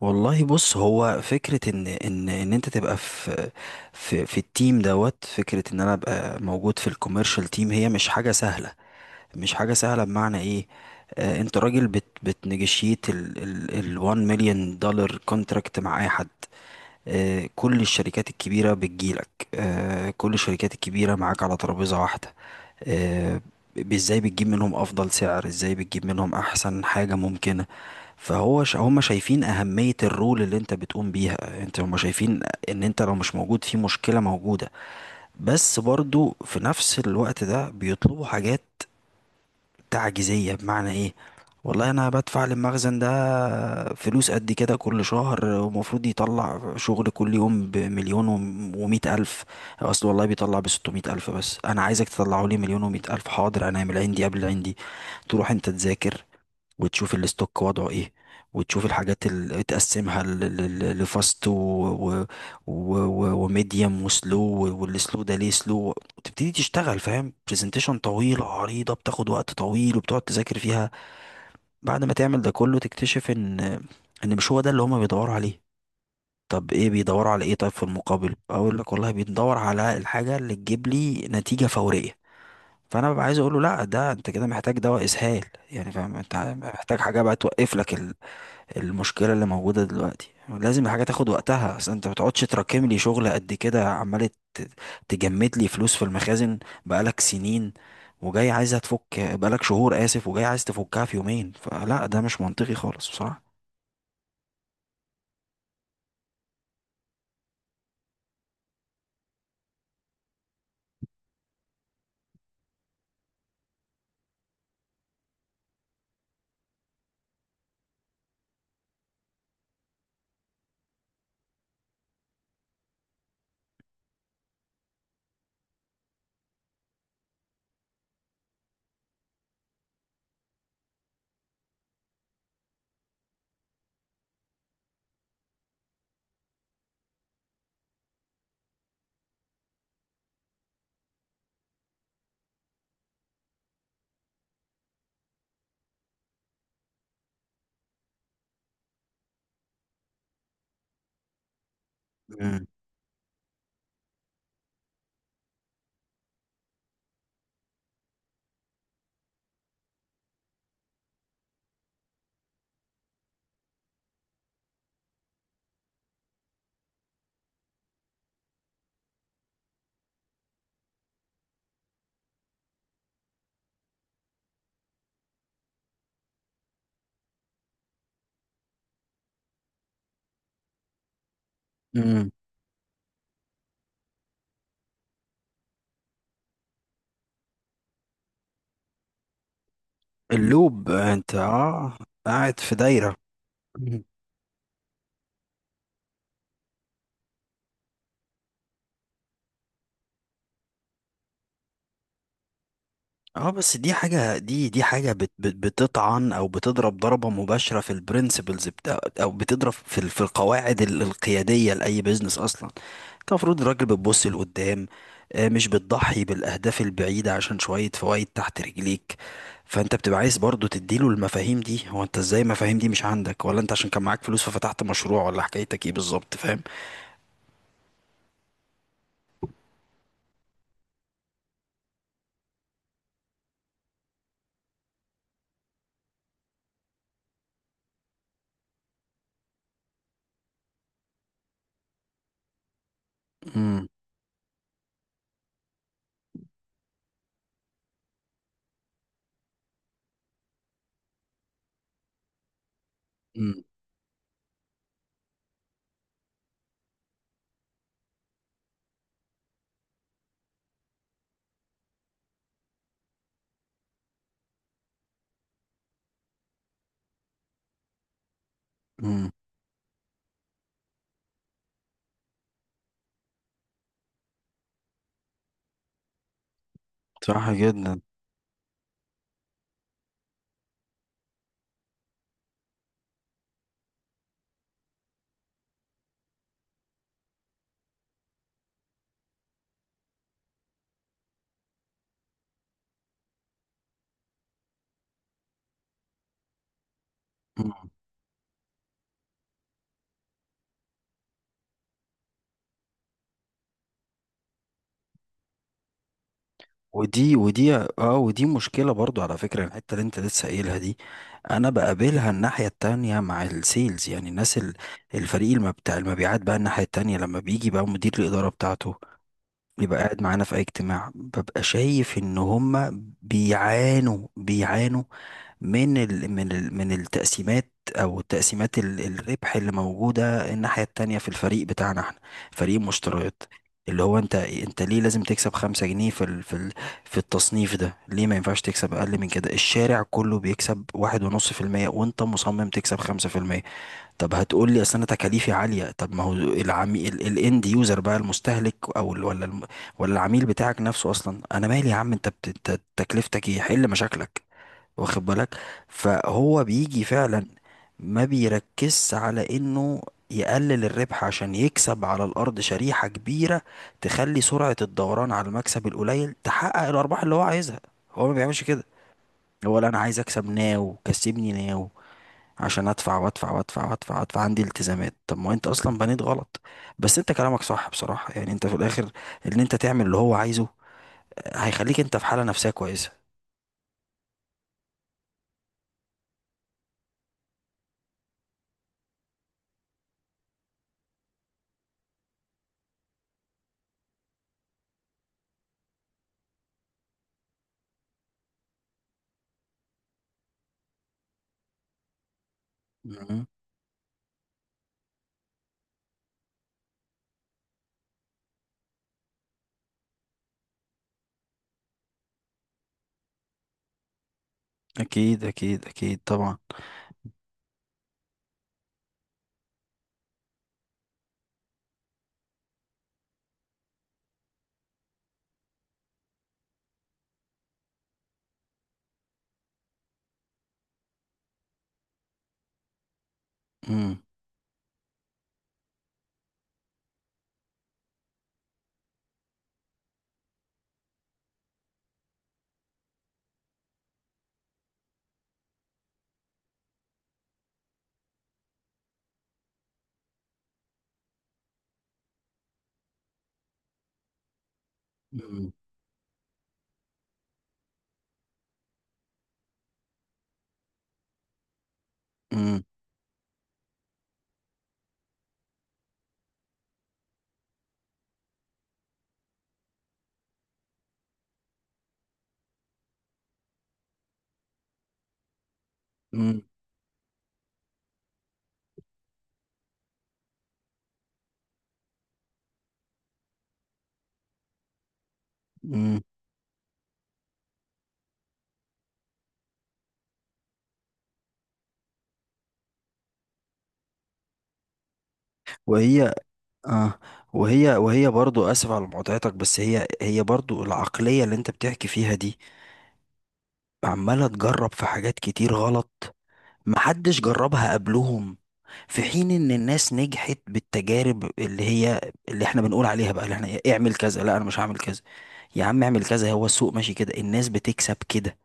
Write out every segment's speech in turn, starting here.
والله، بص، هو فكرة ان انت تبقى في التيم دوت. فكرة ان انا ابقى موجود في الكوميرشال تيم هي مش حاجة سهلة. مش حاجة سهلة بمعنى ايه؟ انت راجل بتنجشيت ال 1 مليون دولار كونتراكت مع اي حد. كل الشركات الكبيرة بتجيلك. كل الشركات الكبيرة معاك على ترابيزة واحدة. آه، ازاي بتجيب منهم افضل سعر، ازاي بتجيب منهم احسن حاجة ممكنة؟ فهو هم شايفين اهمية الرول اللي انت بتقوم بيها. انت هم شايفين ان انت لو مش موجود في مشكلة موجودة. بس برضو في نفس الوقت ده بيطلبوا حاجات تعجيزية. بمعنى ايه؟ والله انا بدفع للمخزن ده فلوس قد كده كل شهر ومفروض يطلع شغل كل يوم بمليون ومئة الف. اصل والله بيطلع ب600 الف، بس انا عايزك تطلعه لي 1,100,000. حاضر، انا هعمل عندي قبل عندي. تروح انت تذاكر، وتشوف الاستوك وضعه ايه، وتشوف الحاجات اللي تقسمها لفاست وميديوم وسلو. والسلو ده ليه سلو، وتبتدي تشتغل، فاهم؟ برزنتيشن طويلة عريضة بتاخد وقت طويل وبتقعد تذاكر فيها. بعد ما تعمل ده كله تكتشف ان مش هو ده اللي هما بيدوروا عليه. طب ايه بيدوروا على ايه؟ طيب، في المقابل اقول لك، والله بندور على الحاجة اللي تجيب لي نتيجة فورية. فانا ببقى عايز اقول له، لا، ده انت كده محتاج دواء اسهال. يعني فاهم انت؟ محتاج حاجه بقى توقف لك. المشكلة اللي موجودة دلوقتي لازم الحاجة تاخد وقتها. اصل انت ما تقعدش تراكم لي شغل قد كده، عمال تجمد لي فلوس في المخازن بقالك سنين. وجاي عايزها تفك، بقالك شهور، آسف، وجاي عايز تفكها في يومين؟ فلا، ده مش منطقي خالص بصراحة. مم. مم. اللوب انت، قاعد في دايرة. اه، بس دي حاجة دي دي حاجة بت بت بتطعن او بتضرب ضربة مباشرة في البرنسبلز بتاع، او بتضرب في في القواعد القيادية لأي بيزنس اصلا. انت المفروض الراجل بتبص لقدام، مش بتضحي بالاهداف البعيدة عشان شوية فوائد تحت رجليك. فانت بتبقى عايز برضو تديله المفاهيم دي. هو انت ازاي المفاهيم دي مش عندك؟ ولا انت عشان كان معاك فلوس ففتحت مشروع؟ ولا حكايتك ايه بالظبط، فاهم؟ امم امم صح جدا. ودي مشكلة برضو على فكرة، الحتة اللي انت لسه قايلها دي، انا بقابلها الناحية التانية مع السيلز. يعني الناس الفريق المبتاع المبيعات بقى الناحية التانية، لما بيجي بقى مدير الإدارة بتاعته يبقى قاعد معانا في اي اجتماع، ببقى شايف ان هما بيعانوا بيعانوا من التقسيمات، او تقسيمات الربح اللي موجوده الناحيه التانية في الفريق بتاعنا احنا، فريق المشتريات. اللي هو، انت ليه لازم تكسب 5 جنيه في ال في ال في التصنيف ده؟ ليه ما ينفعش تكسب اقل من كده؟ الشارع كله بيكسب 1.5% وانت مصمم تكسب 5%. طب هتقول لي اصل انا تكاليفي عاليه. طب ما هو العميل، الاند يوزر بقى، المستهلك، او ال- ولا الم... ولا العميل بتاعك نفسه اصلا، انا مالي يا عم؟ انت أنت تكلفتك ايه؟ حل مشاكلك، واخد بالك. فهو بيجي فعلا ما بيركزش على انه يقلل الربح عشان يكسب على الارض شريحه كبيره، تخلي سرعه الدوران على المكسب القليل تحقق الارباح اللي هو عايزها. هو ما بيعملش كده. هو لا، انا عايز اكسب ناو، كسبني ناو عشان ادفع وادفع وادفع وادفع وادفع، عندي التزامات. طب ما هو انت اصلا بنيت غلط. بس انت كلامك صح بصراحة، يعني انت في الاخر، ان انت تعمل اللي هو عايزه هيخليك انت في حالة نفسية كويسة. مم. اكيد اكيد اكيد طبعا. مم. مم. مم. مم. مم. وهي آه وهي وهي برضو اسف على مقاطعتك، بس هي برضو العقلية اللي انت بتحكي فيها دي عمالة تجرب في حاجات كتير غلط، محدش جربها قبلهم. في حين ان الناس نجحت بالتجارب، اللي هي، اللي احنا بنقول عليها بقى، اللي احنا إيه، اعمل كذا، لا انا مش هعمل كذا. يا عم اعمل كذا، هو السوق ماشي كده، الناس بتكسب كده.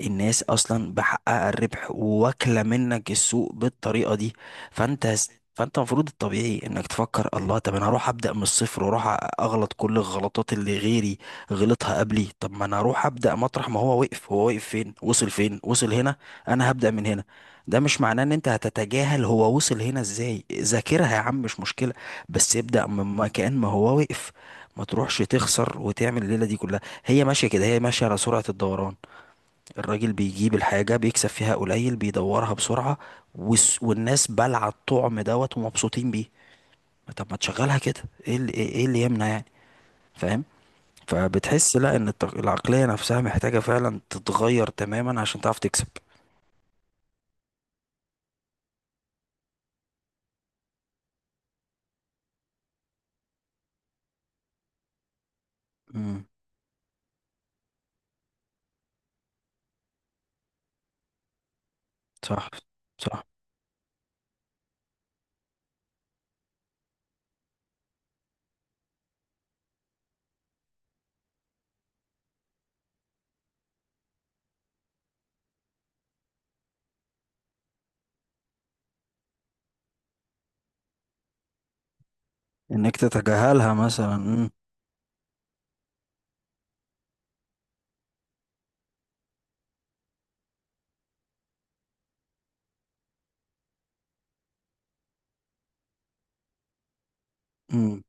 الناس اصلا بحقها الربح وواكله منك السوق بالطريقه دي. فانت فانت المفروض الطبيعي انك تفكر، الله، طب انا هروح ابدا من الصفر واروح اغلط كل الغلطات اللي غيري غلطها قبلي؟ طب ما انا هروح ابدا مطرح ما هو وقف. هو وقف فين؟ وصل فين؟ وصل هنا. انا هبدا من هنا. ده مش معناه ان انت هتتجاهل هو وصل هنا ازاي. ذاكرها يا عم، مش مشكله، بس ابدا من مكان ما هو وقف. ما تروحش تخسر وتعمل الليله دي كلها. هي ماشيه كده، هي ماشيه على سرعه الدوران. الراجل بيجيب الحاجة بيكسب فيها قليل بيدورها بسرعة، والناس بلع الطعم دوت ومبسوطين بيه. ما طب ما تشغلها كده، ايه اللي, ايه إيه اللي يمنع يعني، فاهم؟ فبتحس لا، ان العقلية نفسها محتاجة فعلا تتغير تماما عشان تعرف تكسب. امم صح، صح. انك تتجاهلها مثلا. امم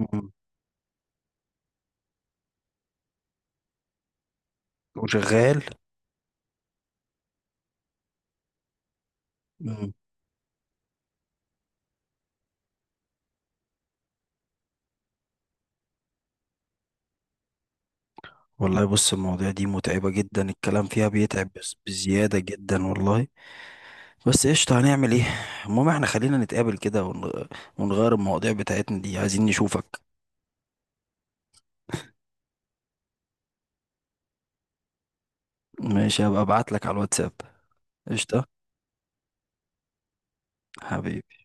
أمم. وشغال. امم والله بص، المواضيع دي متعبة جدا، الكلام فيها بيتعب بس بزيادة جدا والله. بس قشطة، هنعمل ايه؟ المهم احنا خلينا نتقابل كده ونغير المواضيع بتاعتنا دي، عايزين نشوفك. ماشي، هبقى ابعتلك على الواتساب. قشطة حبيبي.